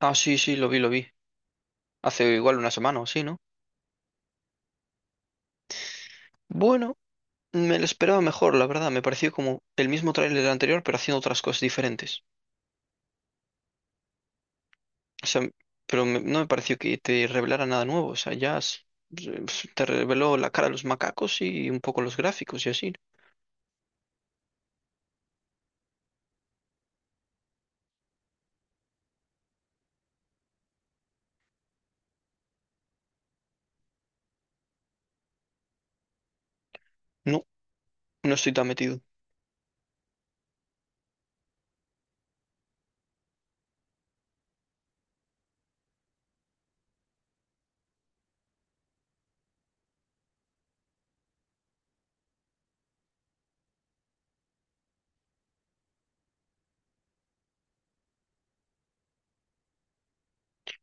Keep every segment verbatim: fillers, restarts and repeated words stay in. Ah, sí, sí, lo vi, lo vi. Hace igual una semana o así, ¿no? Bueno, me lo esperaba mejor, la verdad. Me pareció como el mismo tráiler del anterior, pero haciendo otras cosas diferentes. O sea, pero me- no me pareció que te revelara nada nuevo. O sea, ya s- s- te reveló la cara de los macacos y un poco los gráficos y así. No, no no estoy tan metido.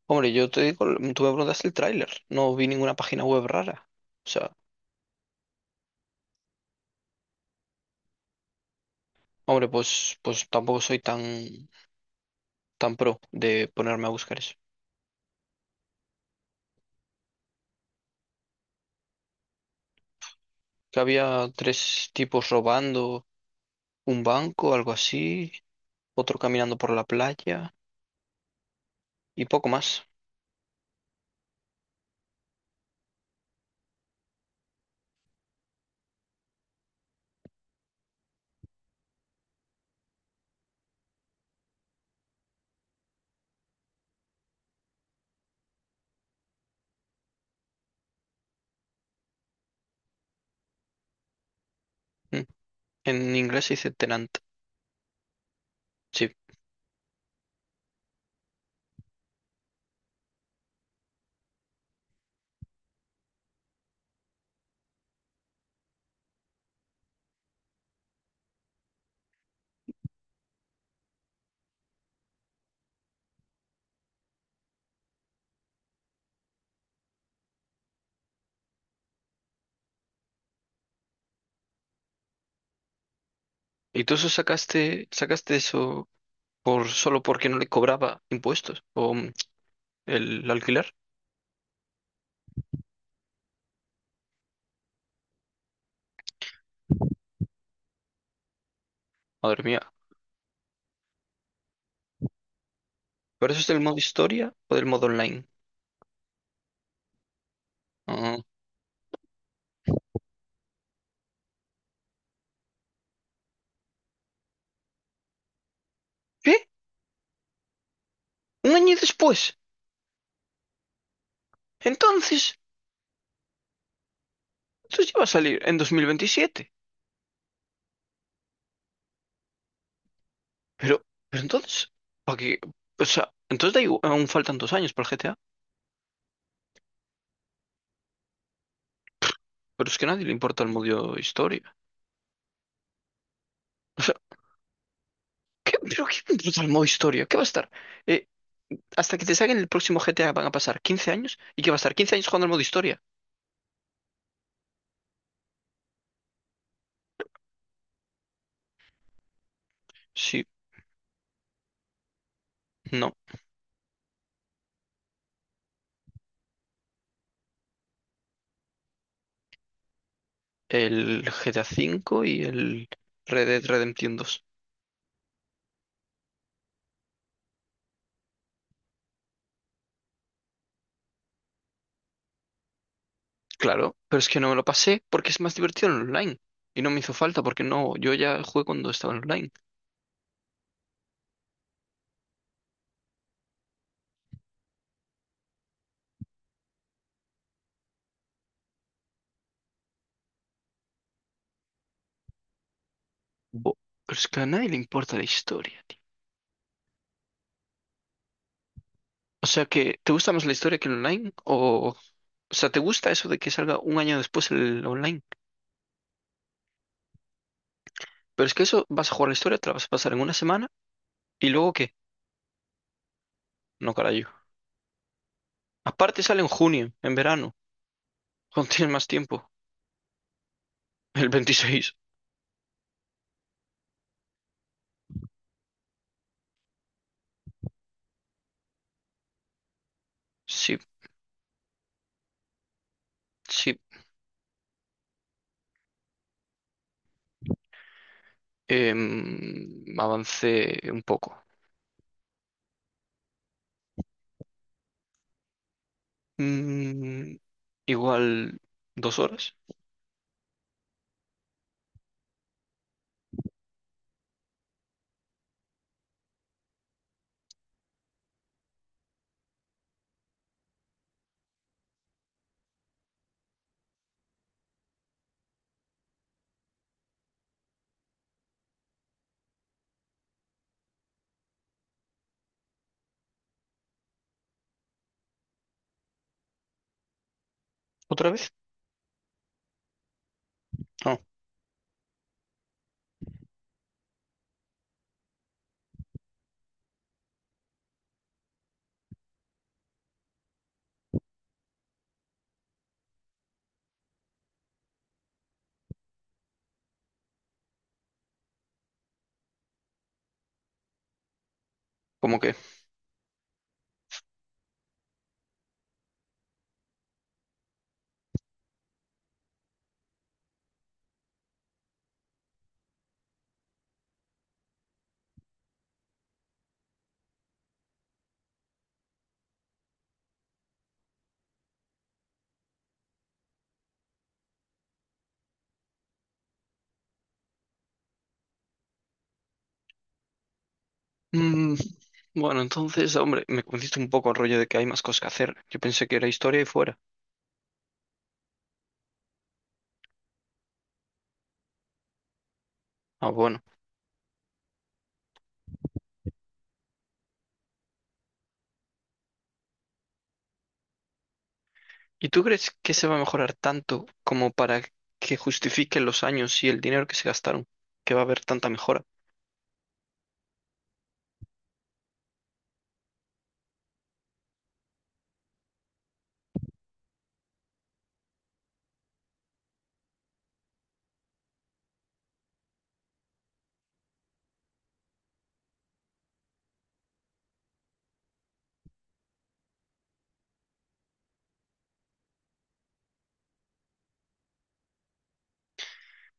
Hombre, yo te digo, mm, tú me preguntaste el tráiler. No vi ninguna página web rara. O sea, hombre, pues, pues tampoco soy tan, tan pro de ponerme a buscar eso. Que había tres tipos robando, un banco, algo así, otro caminando por la playa y poco más. Mm. En inglés se dice tenant, sí. ¿Y tú eso sacaste, sacaste eso por solo porque no le cobraba impuestos o mm, el alquiler? Madre mía. ¿Pero eso es del modo historia o del modo online? Ah. ¿Qué? ¿Un año después? Entonces, entonces ya va a salir en dos mil veintisiete. Pero, pero entonces, ¿para qué? O sea, entonces da igual, aún faltan dos años para el G T A. Pero es que a nadie le importa el modo historia. ¿Qué, pero qué puto al modo historia? ¿Qué va a estar? Eh, hasta que te saquen el próximo G T A van a pasar quince años. ¿Y qué va a estar? ¿Quince años jugando al modo historia? Sí, no. El G T A V y el Red Dead Redemption dos. Claro, pero es que no me lo pasé porque es más divertido en online. Y no me hizo falta porque no, yo ya jugué cuando estaba en online. Bo- Pero es que a nadie le importa la historia, tío. O sea que, ¿te gusta más la historia que el online? O, o sea, ¿te gusta eso de que salga un año después el online? Pero es que eso, vas a jugar la historia, te la vas a pasar en una semana y luego, ¿qué? No, carajo. Aparte sale en junio, en verano, cuando tienes más tiempo. El veintiséis. Sí, sí. Em, avancé un poco. Mm, igual dos horas. ¿Otra vez? No, ¿cómo que? Mm, bueno, entonces, hombre, me convenciste un poco el rollo de que hay más cosas que hacer. Yo pensé que era historia y fuera. Ah, bueno. ¿Y tú crees que se va a mejorar tanto como para que justifiquen los años y el dinero que se gastaron? ¿Que va a haber tanta mejora?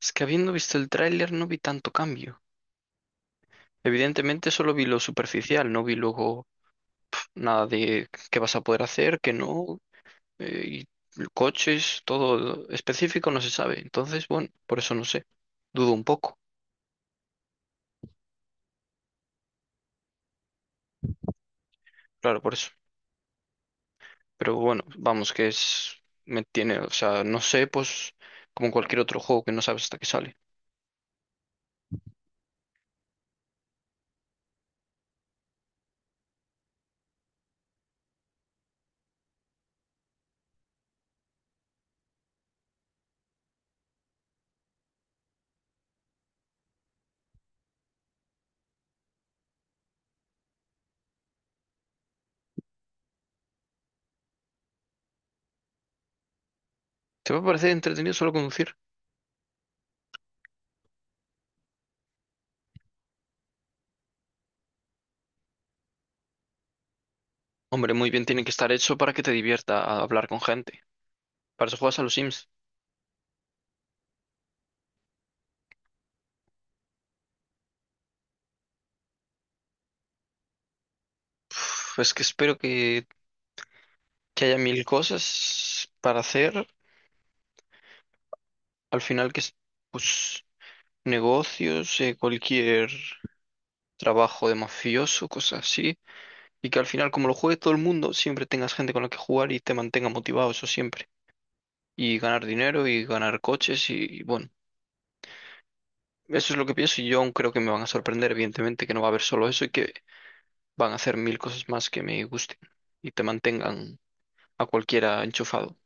Es que habiendo visto el tráiler no vi tanto cambio. Evidentemente solo vi lo superficial, no vi luego nada de qué vas a poder hacer, qué no, eh, y coches, todo específico no se sabe. Entonces, bueno, por eso no sé. Dudo un poco, claro, por eso. Pero bueno, vamos, que es... Me tiene, o sea, no sé, pues como cualquier otro juego que no sabes hasta que sale. ¿Te va a parecer entretenido solo conducir? Hombre, muy bien tiene que estar hecho para que te divierta a hablar con gente. Para eso juegas a los Sims. Pues que espero que que haya mil cosas para hacer. Al final que es, pues, negocios, eh, cualquier trabajo de mafioso, cosas así. Y que al final, como lo juegue todo el mundo, siempre tengas gente con la que jugar y te mantenga motivado, eso siempre. Y ganar dinero y ganar coches y, bueno, eso es lo que pienso y yo aún creo que me van a sorprender, evidentemente, que no va a haber solo eso y que van a hacer mil cosas más que me gusten y te mantengan a cualquiera enchufado.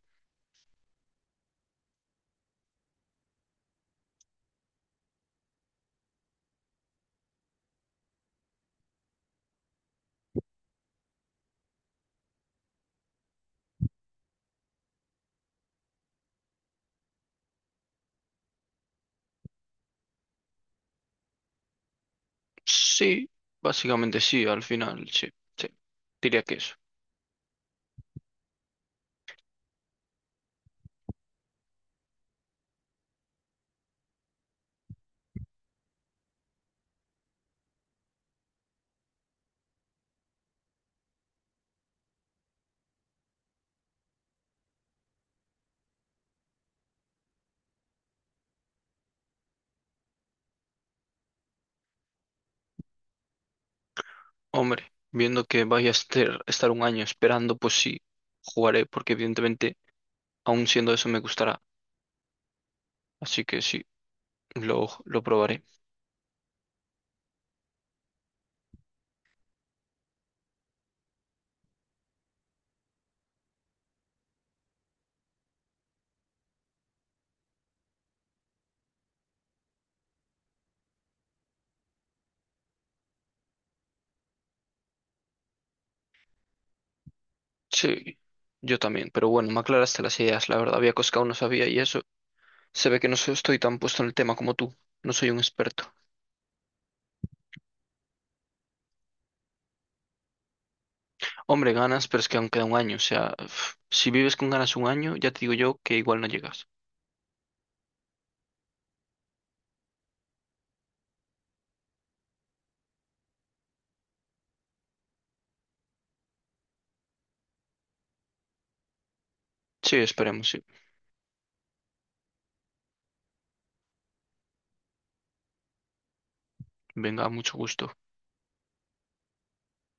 Sí, básicamente sí, al final, sí, sí, diría que eso. Hombre, viendo que vaya a ester- estar un año esperando, pues sí, jugaré, porque evidentemente, aún siendo eso, me gustará. Así que sí, lo, lo probaré. Sí, yo también, pero bueno, me aclaraste las ideas, la verdad. Había cosas que aún no sabía y eso. Se ve que no so- estoy tan puesto en el tema como tú. No soy un experto. Hombre, ganas, pero es que aún queda un año. O sea, uf, si vives con ganas un año, ya te digo yo que igual no llegas. Sí, esperemos, sí. Venga, mucho gusto.